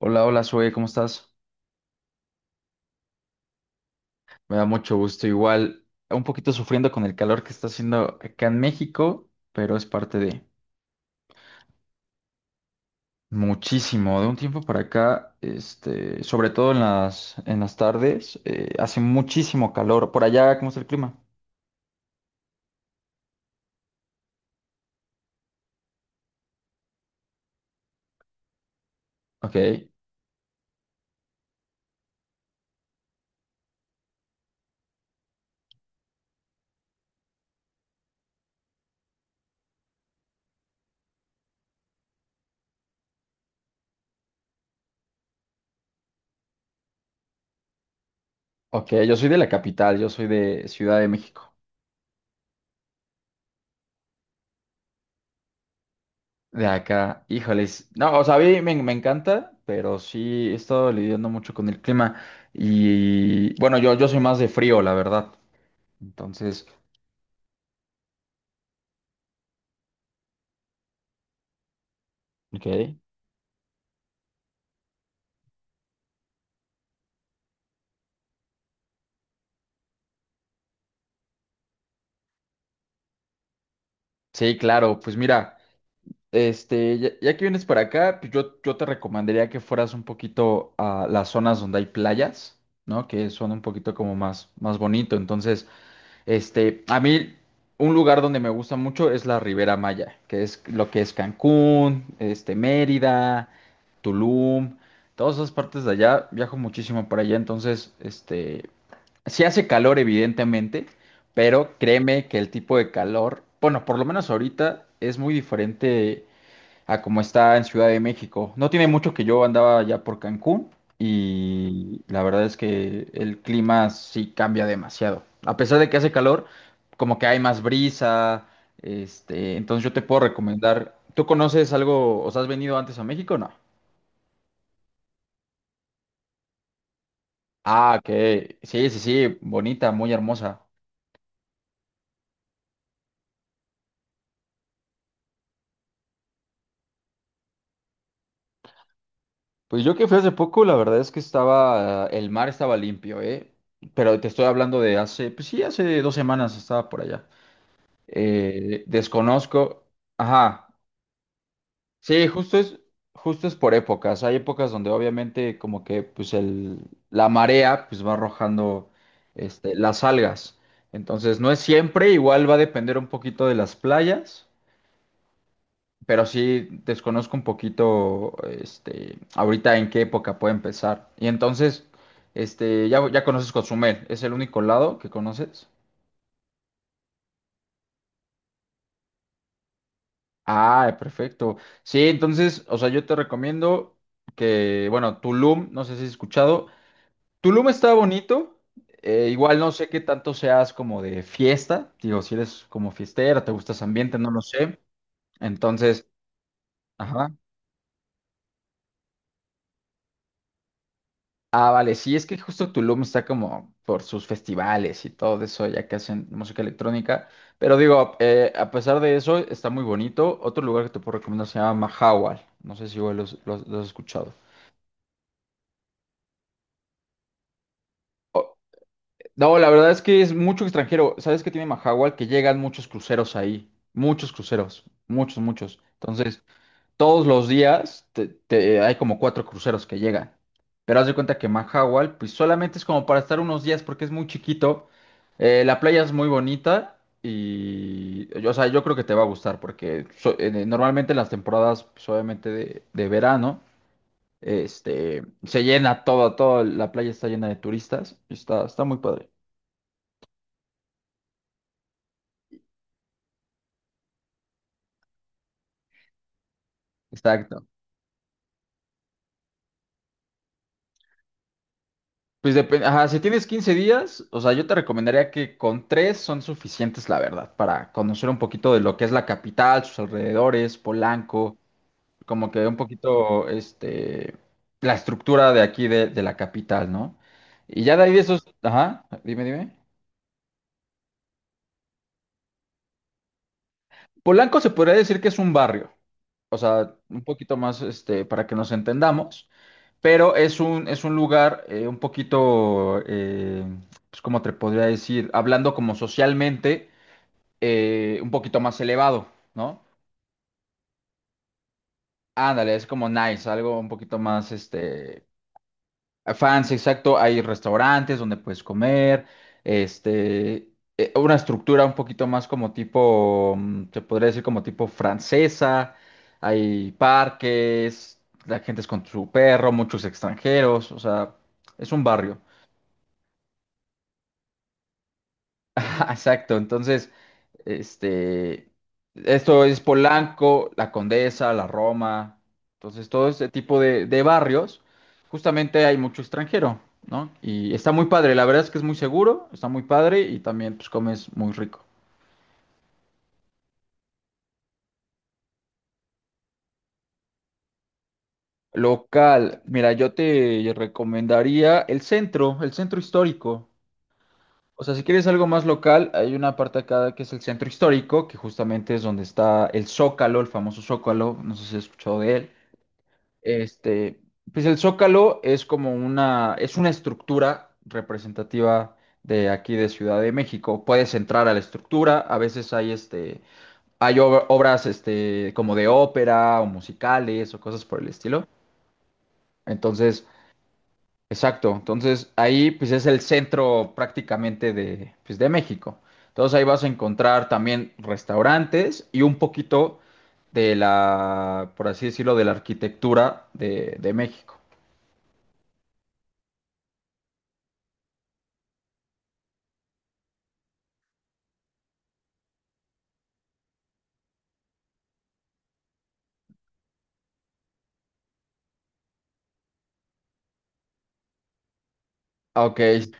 Hola, hola, Zoe, ¿cómo estás? Me da mucho gusto. Igual, un poquito sufriendo con el calor que está haciendo acá en México, pero es parte de muchísimo. De un tiempo para acá, este, sobre todo en las tardes, hace muchísimo calor. Por allá, ¿cómo está el clima? Ok, ok, yo soy de la capital, yo soy de Ciudad de México. De acá, híjoles. No, o sea, a mí me encanta, pero sí he estado lidiando mucho con el clima. Y bueno, yo soy más de frío, la verdad. Entonces. Ok. Sí, claro, pues mira, este, ya que vienes para acá, pues yo te recomendaría que fueras un poquito a las zonas donde hay playas, ¿no? Que son un poquito como más bonito. Entonces, este, a mí un lugar donde me gusta mucho es la Ribera Maya, que es lo que es Cancún, este, Mérida, Tulum, todas esas partes de allá, viajo muchísimo para allá, entonces, este, sí hace calor evidentemente, pero créeme que el tipo de calor, bueno, por lo menos ahorita es muy diferente a como está en Ciudad de México. No tiene mucho que yo andaba ya por Cancún y la verdad es que el clima sí cambia demasiado. A pesar de que hace calor, como que hay más brisa, este, entonces yo te puedo recomendar. ¿Tú conoces algo, o sea, has venido antes a México o no? Ah, que sí, sí, sí, bonita, muy hermosa. Pues yo que fui hace poco, la verdad es que estaba, el mar estaba limpio, ¿eh? Pero te estoy hablando de hace, pues sí, hace 2 semanas estaba por allá. Desconozco. Ajá. Sí, justo es por épocas. Hay épocas donde obviamente como que pues la marea pues va arrojando este, las algas. Entonces no es siempre, igual va a depender un poquito de las playas, pero sí desconozco un poquito este, ahorita en qué época puede empezar. Y entonces, este, ya conoces Cozumel, ¿es el único lado que conoces? Ah, perfecto. Sí, entonces, o sea, yo te recomiendo que, bueno, Tulum, no sé si has escuchado. Tulum está bonito. Igual no sé qué tanto seas como de fiesta. Digo, si eres como fiestera, te gusta ese ambiente, no lo sé. Entonces, ajá. Ah, vale, sí, es que justo Tulum está como por sus festivales y todo eso, ya que hacen música electrónica. Pero digo, a pesar de eso, está muy bonito. Otro lugar que te puedo recomendar se llama Mahahual. No sé si igual lo has escuchado. No, la verdad es que es mucho extranjero. ¿Sabes qué tiene Mahahual? Que llegan muchos cruceros ahí. Muchos cruceros. Muchos, muchos. Entonces, todos los días hay como cuatro cruceros que llegan. Pero haz de cuenta que Mahahual, pues solamente es como para estar unos días porque es muy chiquito. La playa es muy bonita y, o sea, yo creo que te va a gustar porque normalmente en las temporadas, pues, obviamente de verano, este, se llena toda la playa está llena de turistas. Está muy padre. Exacto. Pues depende, ajá, si tienes 15 días, o sea, yo te recomendaría que con tres son suficientes, la verdad, para conocer un poquito de lo que es la capital, sus alrededores, Polanco, como que un poquito, este, la estructura de aquí de la capital, ¿no? Y ya de ahí de esos, ajá, dime, dime. Polanco se podría decir que es un barrio. O sea, un poquito más este, para que nos entendamos, pero es un lugar un poquito, pues como te podría decir, hablando como socialmente, un poquito más elevado, ¿no? Ándale, es como nice, algo un poquito más, este, fans, exacto, hay restaurantes donde puedes comer, este, una estructura un poquito más como tipo, se podría decir como tipo francesa, hay parques, la gente es con su perro, muchos extranjeros, o sea, es un barrio. Exacto, entonces, este, esto es Polanco, La Condesa, La Roma, entonces todo este tipo de barrios, justamente hay mucho extranjero, ¿no? Y está muy padre, la verdad es que es muy seguro, está muy padre y también pues comes muy rico. Local, mira, yo te recomendaría el centro histórico. O sea, si quieres algo más local, hay una parte acá que es el centro histórico, que justamente es donde está el Zócalo, el famoso Zócalo, no sé si has escuchado de él. Este, pues el Zócalo es es una estructura representativa de aquí de Ciudad de México. Puedes entrar a la estructura, a veces hay obras este, como de ópera o musicales o cosas por el estilo. Entonces, exacto. Entonces ahí pues es el centro prácticamente de, pues, de México. Entonces ahí vas a encontrar también restaurantes y un poquito de la, por así decirlo, de la arquitectura de México. Ok.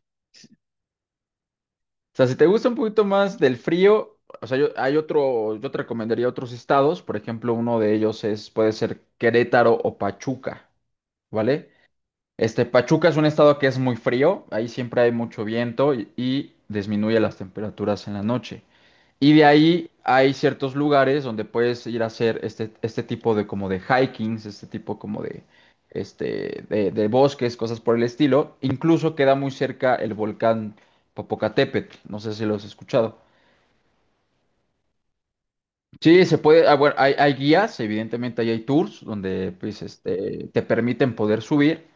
O sea, si te gusta un poquito más del frío, o sea, yo te recomendaría otros estados, por ejemplo, uno de ellos puede ser Querétaro o Pachuca, ¿vale? Este, Pachuca es un estado que es muy frío, ahí siempre hay mucho viento y disminuye las temperaturas en la noche. Y de ahí hay ciertos lugares donde puedes ir a hacer este tipo de como de hikings, este tipo como de, este, de bosques, cosas por el estilo. Incluso queda muy cerca el volcán Popocatépetl, no sé si lo has escuchado. Sí, se puede, ah, bueno, hay guías, evidentemente ahí hay tours donde pues, este, te permiten poder subir.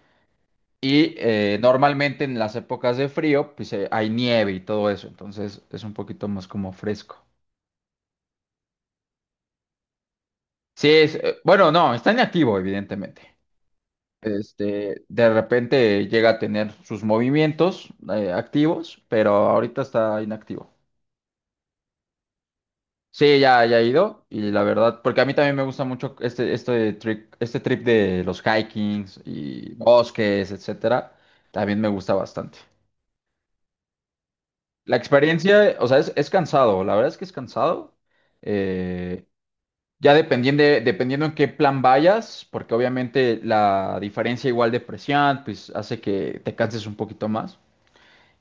Y normalmente en las épocas de frío, pues hay nieve y todo eso, entonces es un poquito más como fresco. Sí, bueno, no, está inactivo, evidentemente. Este, de repente llega a tener sus movimientos activos, pero ahorita está inactivo. Sí, ya he ido y la verdad, porque a mí también me gusta mucho este, este trip de los hikings y bosques, etcétera, también me gusta bastante. La experiencia, o sea, es cansado, la verdad es que es cansado. Eh, ya dependiendo, dependiendo en qué plan vayas, porque obviamente la diferencia igual de presión, pues hace que te canses un poquito más.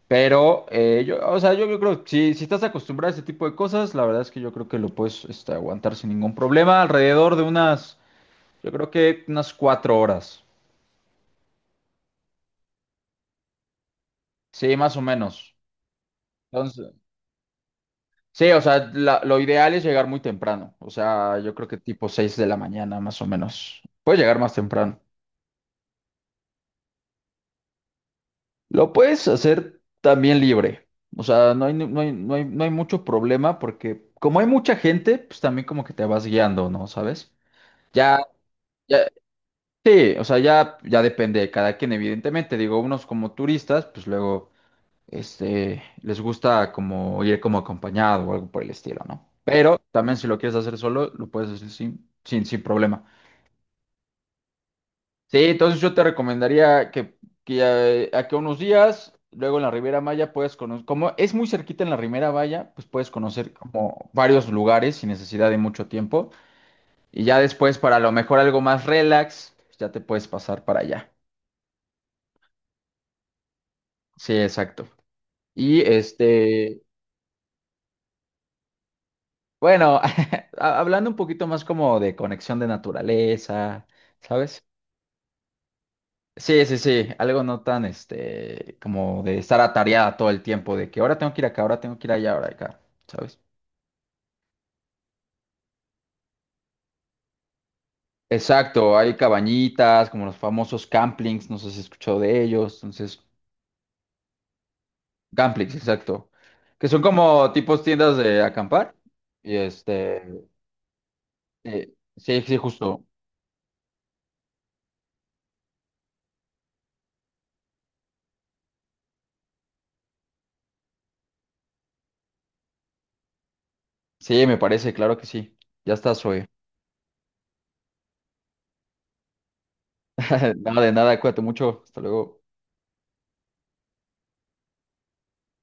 Pero, o sea, yo creo que si estás acostumbrado a este tipo de cosas, la verdad es que yo creo que lo puedes este, aguantar sin ningún problema, alrededor de unas, yo creo que unas 4 horas. Sí, más o menos. Entonces, sí, o sea, lo ideal es llegar muy temprano. O sea, yo creo que tipo 6 de la mañana, más o menos. Puedes llegar más temprano. Lo puedes hacer también libre. O sea, no hay mucho problema porque como hay mucha gente, pues también como que te vas guiando, ¿no? ¿Sabes? Ya, ya, sí, o sea, ya depende de cada quien, evidentemente. Digo, unos como turistas, pues luego, este, les gusta como ir como acompañado o algo por el estilo, ¿no? Pero también si lo quieres hacer solo, lo puedes hacer sin problema. Sí, entonces yo te recomendaría que a aquí a que unos días, luego en la Riviera Maya puedes conocer, como es muy cerquita en la Riviera Maya, pues puedes conocer como varios lugares sin necesidad de mucho tiempo. Y ya después, para lo mejor algo más relax, pues, ya te puedes pasar para allá. Sí, exacto. Y este, bueno, hablando un poquito más como de conexión de naturaleza, ¿sabes? Sí, sí, sí, algo no tan, este, como de estar atareada todo el tiempo, de que ahora tengo que ir acá, ahora tengo que ir allá, ahora acá, ¿sabes? Exacto, hay cabañitas, como los famosos camplings, no sé si has escuchado de ellos, entonces, camplings, exacto, que son como tipos tiendas de acampar, y este, sí, sí, justo, sí, me parece, claro que sí, ya está, Zoe. Nada de nada, cuídate mucho, hasta luego.